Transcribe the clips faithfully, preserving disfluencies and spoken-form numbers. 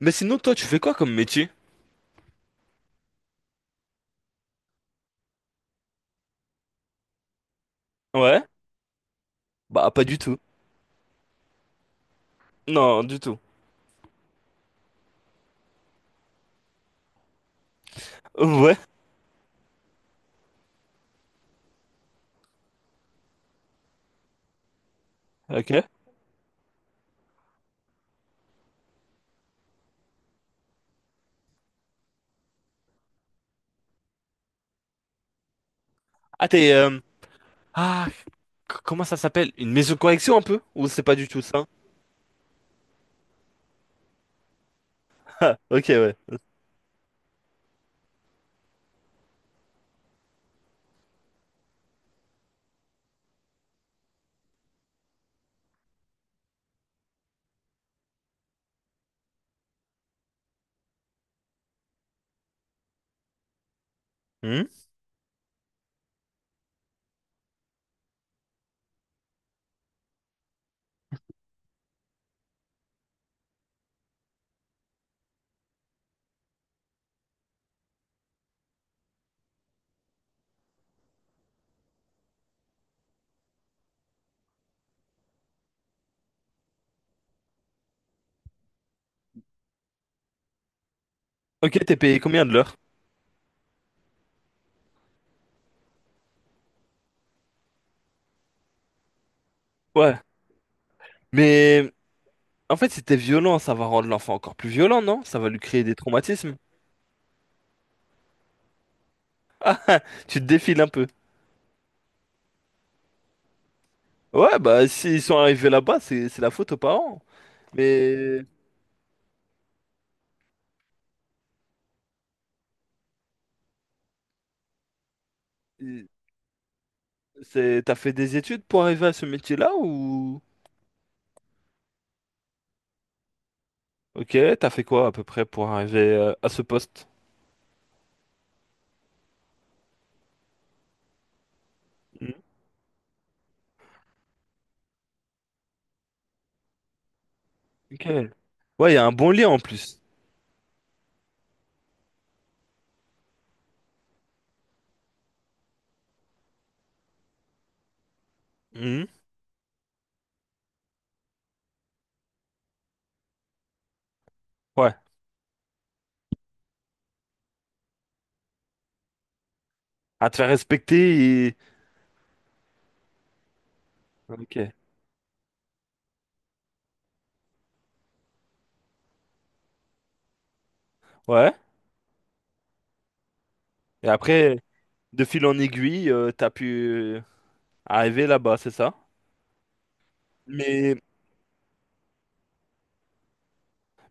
Mais sinon, toi, tu fais quoi comme métier? Ouais? Bah, pas du tout. Non, du tout. Ouais, ok. Ah, t'es... euh, Ah, c- comment ça s'appelle? Une maison de correction un peu? Ou c'est pas du tout ça? Ah, ok, ouais. Hmm. Ok, t'es payé combien de l'heure? Ouais. Mais en fait, c'était violent, ça va rendre l'enfant encore plus violent, non? Ça va lui créer des traumatismes. Tu te défiles un peu. Ouais, bah, s'ils sont arrivés là-bas, c'est c'est la faute aux parents. Mais euh, c'est t'as fait des études pour arriver à ce métier-là ou... Ok, t'as fait quoi à peu près pour arriver euh, à ce poste? Mhm. Ok. Ouais, il y a un bon lien en plus. Mhm. Ouais. À te faire respecter et... Ok. Ouais. Et après, de fil en aiguille, euh, t'as pu euh, arriver là-bas, c'est ça? Mais...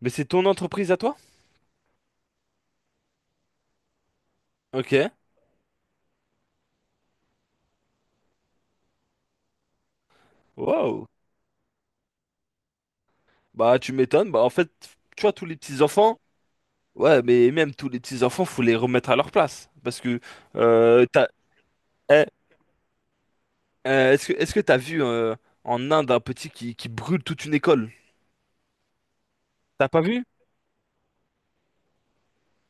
Mais c'est ton entreprise à toi? Ok. Wow. Bah, tu m'étonnes. Bah, en fait, tu vois, tous les petits-enfants... Ouais, mais même tous les petits-enfants, faut les remettre à leur place. Parce que... Euh, t'as... eh, Euh, est-ce que est-ce que t'as vu euh, en Inde un petit qui, qui brûle toute une école? T'as pas vu?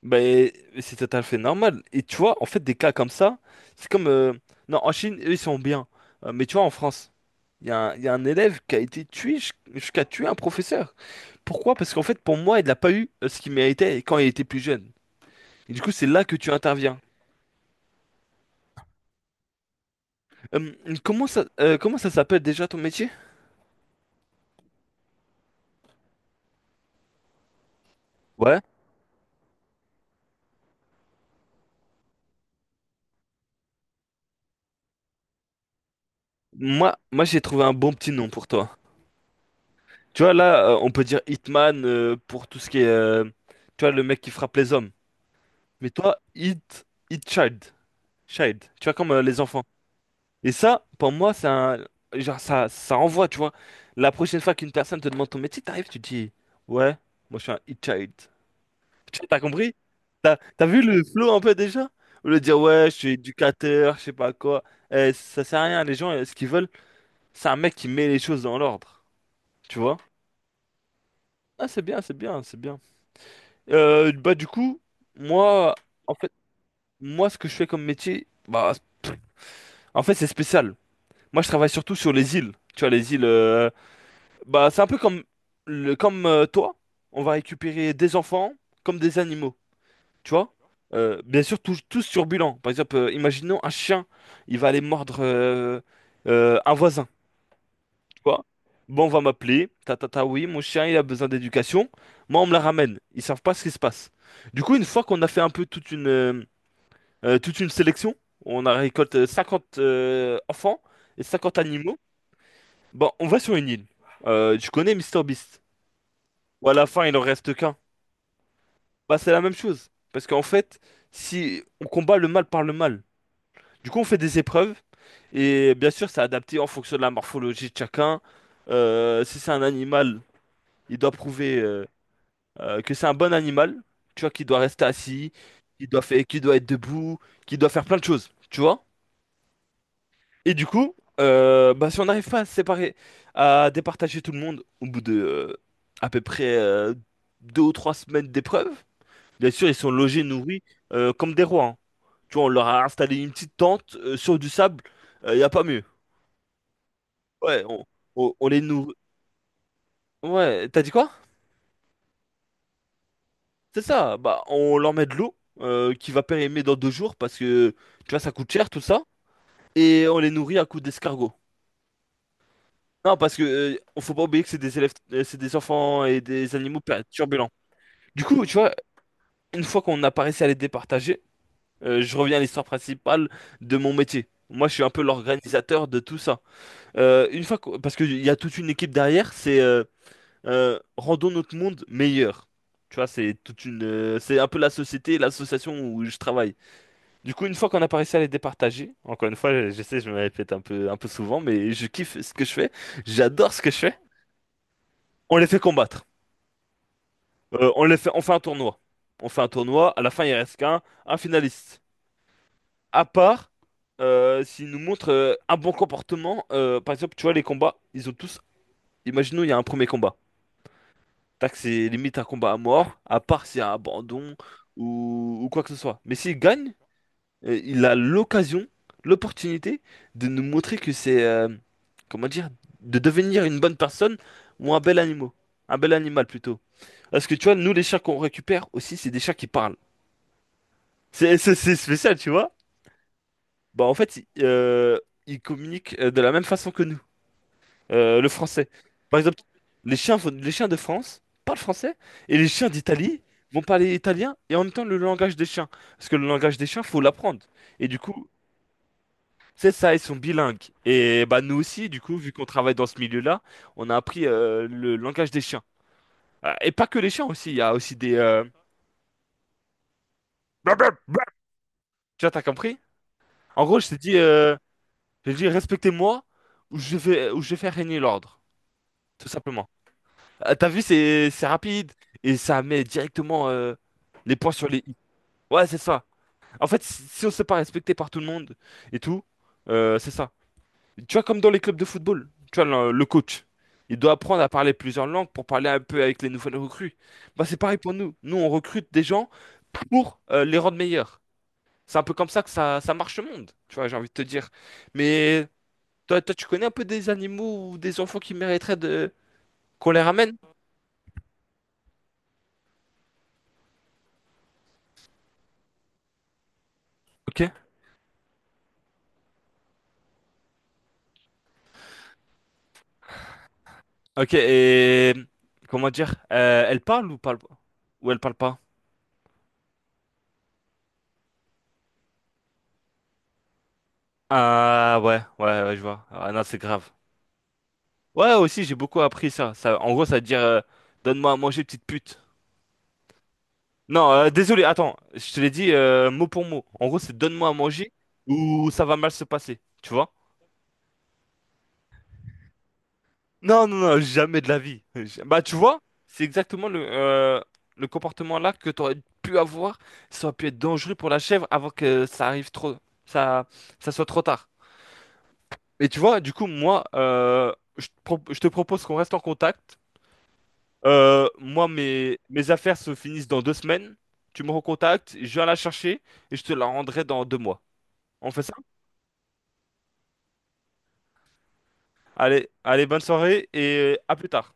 Ben c'est tout à fait normal. Et tu vois, en fait, des cas comme ça, c'est comme euh, non en Chine eux ils sont bien. Euh, mais tu vois en France, il y a un, il y a un élève qui a été tué jus- jusqu'à tuer un professeur. Pourquoi? Parce qu'en fait pour moi il n'a pas eu euh, ce qu'il méritait quand il était plus jeune. Et du coup c'est là que tu interviens. Euh, comment ça euh, comment ça s'appelle déjà ton métier? Ouais. Moi moi j'ai trouvé un bon petit nom pour toi. Tu vois, là, euh, on peut dire Hitman euh, pour tout ce qui est. Euh, tu vois, le mec qui frappe les hommes. Mais toi, Hit. Hit Child. Child. Tu vois, comme euh, les enfants. Et ça, pour moi, c'est un. Genre, ça, ça envoie, tu vois. La prochaine fois qu'une personne te demande ton métier, t'arrives, tu dis. Ouais, moi, je suis un Hit Child. Tu vois, t'as compris? T'as, t'as vu le flow un peu déjà? Au lieu de dire, ouais, je suis éducateur, je sais pas quoi. Eh, ça sert à rien, les gens, euh, ce qu'ils veulent, c'est un mec qui met les choses dans l'ordre. Tu vois? Ah, c'est bien, c'est bien, c'est bien. Euh, bah du coup, moi, en fait, moi ce que je fais comme métier, bah pff, en fait c'est spécial. Moi je travaille surtout sur les îles. Tu vois les îles, euh, bah c'est un peu comme le, comme euh, toi. On va récupérer des enfants comme des animaux. Tu vois? Euh, bien sûr tous, tous turbulents. Par exemple, euh, imaginons un chien, il va aller mordre euh, euh, un voisin. Tu vois? Bon, on va m'appeler. Tata, Ta ta ta, oui, mon chien il a besoin d'éducation. Moi on me la ramène. Ils savent pas ce qui se passe. Du coup, une fois qu'on a fait un peu toute une euh, euh, toute une sélection. On a récolté cinquante euh, enfants et cinquante animaux. Bon, on va sur une île. Euh, tu connais Mister Beast? Ou à la fin, il en reste qu'un. Bah, c'est la même chose. Parce qu'en fait, si on combat le mal par le mal, du coup, on fait des épreuves. Et bien sûr, c'est adapté en fonction de la morphologie de chacun. Euh, si c'est un animal, il doit prouver euh, euh, que c'est un bon animal. Tu vois, qu'il doit rester assis, qu'il doit faire, qu'il doit être debout, qu'il doit faire plein de choses. Tu vois? Et du coup, euh, bah, si on n'arrive pas à se séparer, à départager tout le monde au bout de euh, à peu près euh, deux ou trois semaines d'épreuve, bien sûr, ils sont logés, nourris euh, comme des rois. Hein. Tu vois, on leur a installé une petite tente euh, sur du sable, il n'y a pas mieux. Ouais, on, on- on les nourrit. Ouais, t'as dit quoi? C'est ça, bah, on leur met de l'eau euh, qui va périmer dans deux jours parce que, tu vois, ça coûte cher tout ça. Et on les nourrit à coups d'escargot. Non, parce que euh, on faut pas oublier que c'est des élèves, euh, c'est des enfants et des animaux per- turbulents. Du coup, tu vois, une fois qu'on a réussi à les départager, euh, je reviens à l'histoire principale de mon métier. Moi, je suis un peu l'organisateur de tout ça. Euh, une fois qu'on- parce qu'il y a toute une équipe derrière, c'est euh, euh, rendons notre monde meilleur. Tu vois, c'est toute une, euh, c'est un peu la société, et l'association où je travaille. Du coup, une fois qu'on a réussi à les départager, encore une fois, je sais, je me répète un peu, un peu souvent, mais je kiffe ce que je fais, j'adore ce que je fais. On les fait combattre. Euh, on les fait, on fait un tournoi. On fait un tournoi, à la fin il reste qu'un un finaliste. À part euh, s'il nous montre euh, un bon comportement, euh, par exemple, tu vois, les combats, ils ont tous. Imaginons, il y a un premier combat. Tac, c'est limite un combat à mort, à part s'il y a un abandon ou, ou quoi que ce soit. Mais s'il gagne, euh, il a l'occasion, l'opportunité de nous montrer que c'est. Euh, comment dire? De devenir une bonne personne ou un bel animal. Un bel animal plutôt. Parce que tu vois, nous, les chats qu'on récupère aussi, c'est des chats qui parlent. C'est c'est- c'est spécial, tu vois? Bah, en fait, ils euh, ils communiquent euh, de la même façon que nous, euh, le français. Par exemple, les chiens, font- les chiens de France parlent français et les chiens d'Italie vont parler italien et en même temps le langage des chiens. Parce que le langage des chiens, faut l'apprendre. Et du coup, c'est ça, ils sont bilingues. Et bah, nous aussi, du coup, vu qu'on travaille dans ce milieu-là, on a appris euh, le langage des chiens. Euh, Et pas que les chiens aussi, il y a aussi des. euh, blablabla. Tu vois, t'as compris? En gros, je t'ai dit. euh, J'ai dit respectez-moi ou je vais ou je vais faire régner l'ordre, tout simplement. Ah, t'as vu, c'est c'est rapide et ça met directement euh, les points sur les i. Ouais, c'est ça. En fait, si si on se fait pas respecter par tout le monde et tout, euh, c'est ça. Tu vois, comme dans les clubs de football, tu vois, le, le coach, il doit apprendre à parler plusieurs langues pour parler un peu avec les nouvelles recrues. Bah, c'est pareil pour nous. Nous, on recrute des gens pour euh, les rendre meilleurs. C'est un peu comme ça que ça, ça marche le monde, tu vois, j'ai envie de te dire. Mais toi, toi, tu connais un peu des animaux ou des enfants qui mériteraient de qu'on les ramène? Ok. Ok, et comment dire? Euh, elle parle ou parle pas? Ou elle parle pas? Ah ouais, ouais, ouais, je vois. Ah non, c'est grave. Ouais, aussi, j'ai beaucoup appris ça. Ça, en gros, ça veut dire euh, donne-moi à manger, petite pute. Non, euh, désolé, attends, je te l'ai dit euh, mot pour mot. En gros, c'est donne-moi à manger ou ça va mal se passer, tu vois? Non, non, non, jamais de la vie. Ja- Bah, tu vois, c'est exactement le, euh, le comportement là que t'aurais pu avoir. Ça aurait pu être dangereux pour la chèvre avant que ça arrive trop, ça, ça soit trop tard. Et tu vois, du coup, moi, euh, je te pro- je te propose qu'on reste en contact. Euh, moi, mes, mes affaires se finissent dans deux semaines. Tu me recontactes, je viens la chercher et je te la rendrai dans deux mois. On fait ça? Allez, allez, bonne soirée et à plus tard.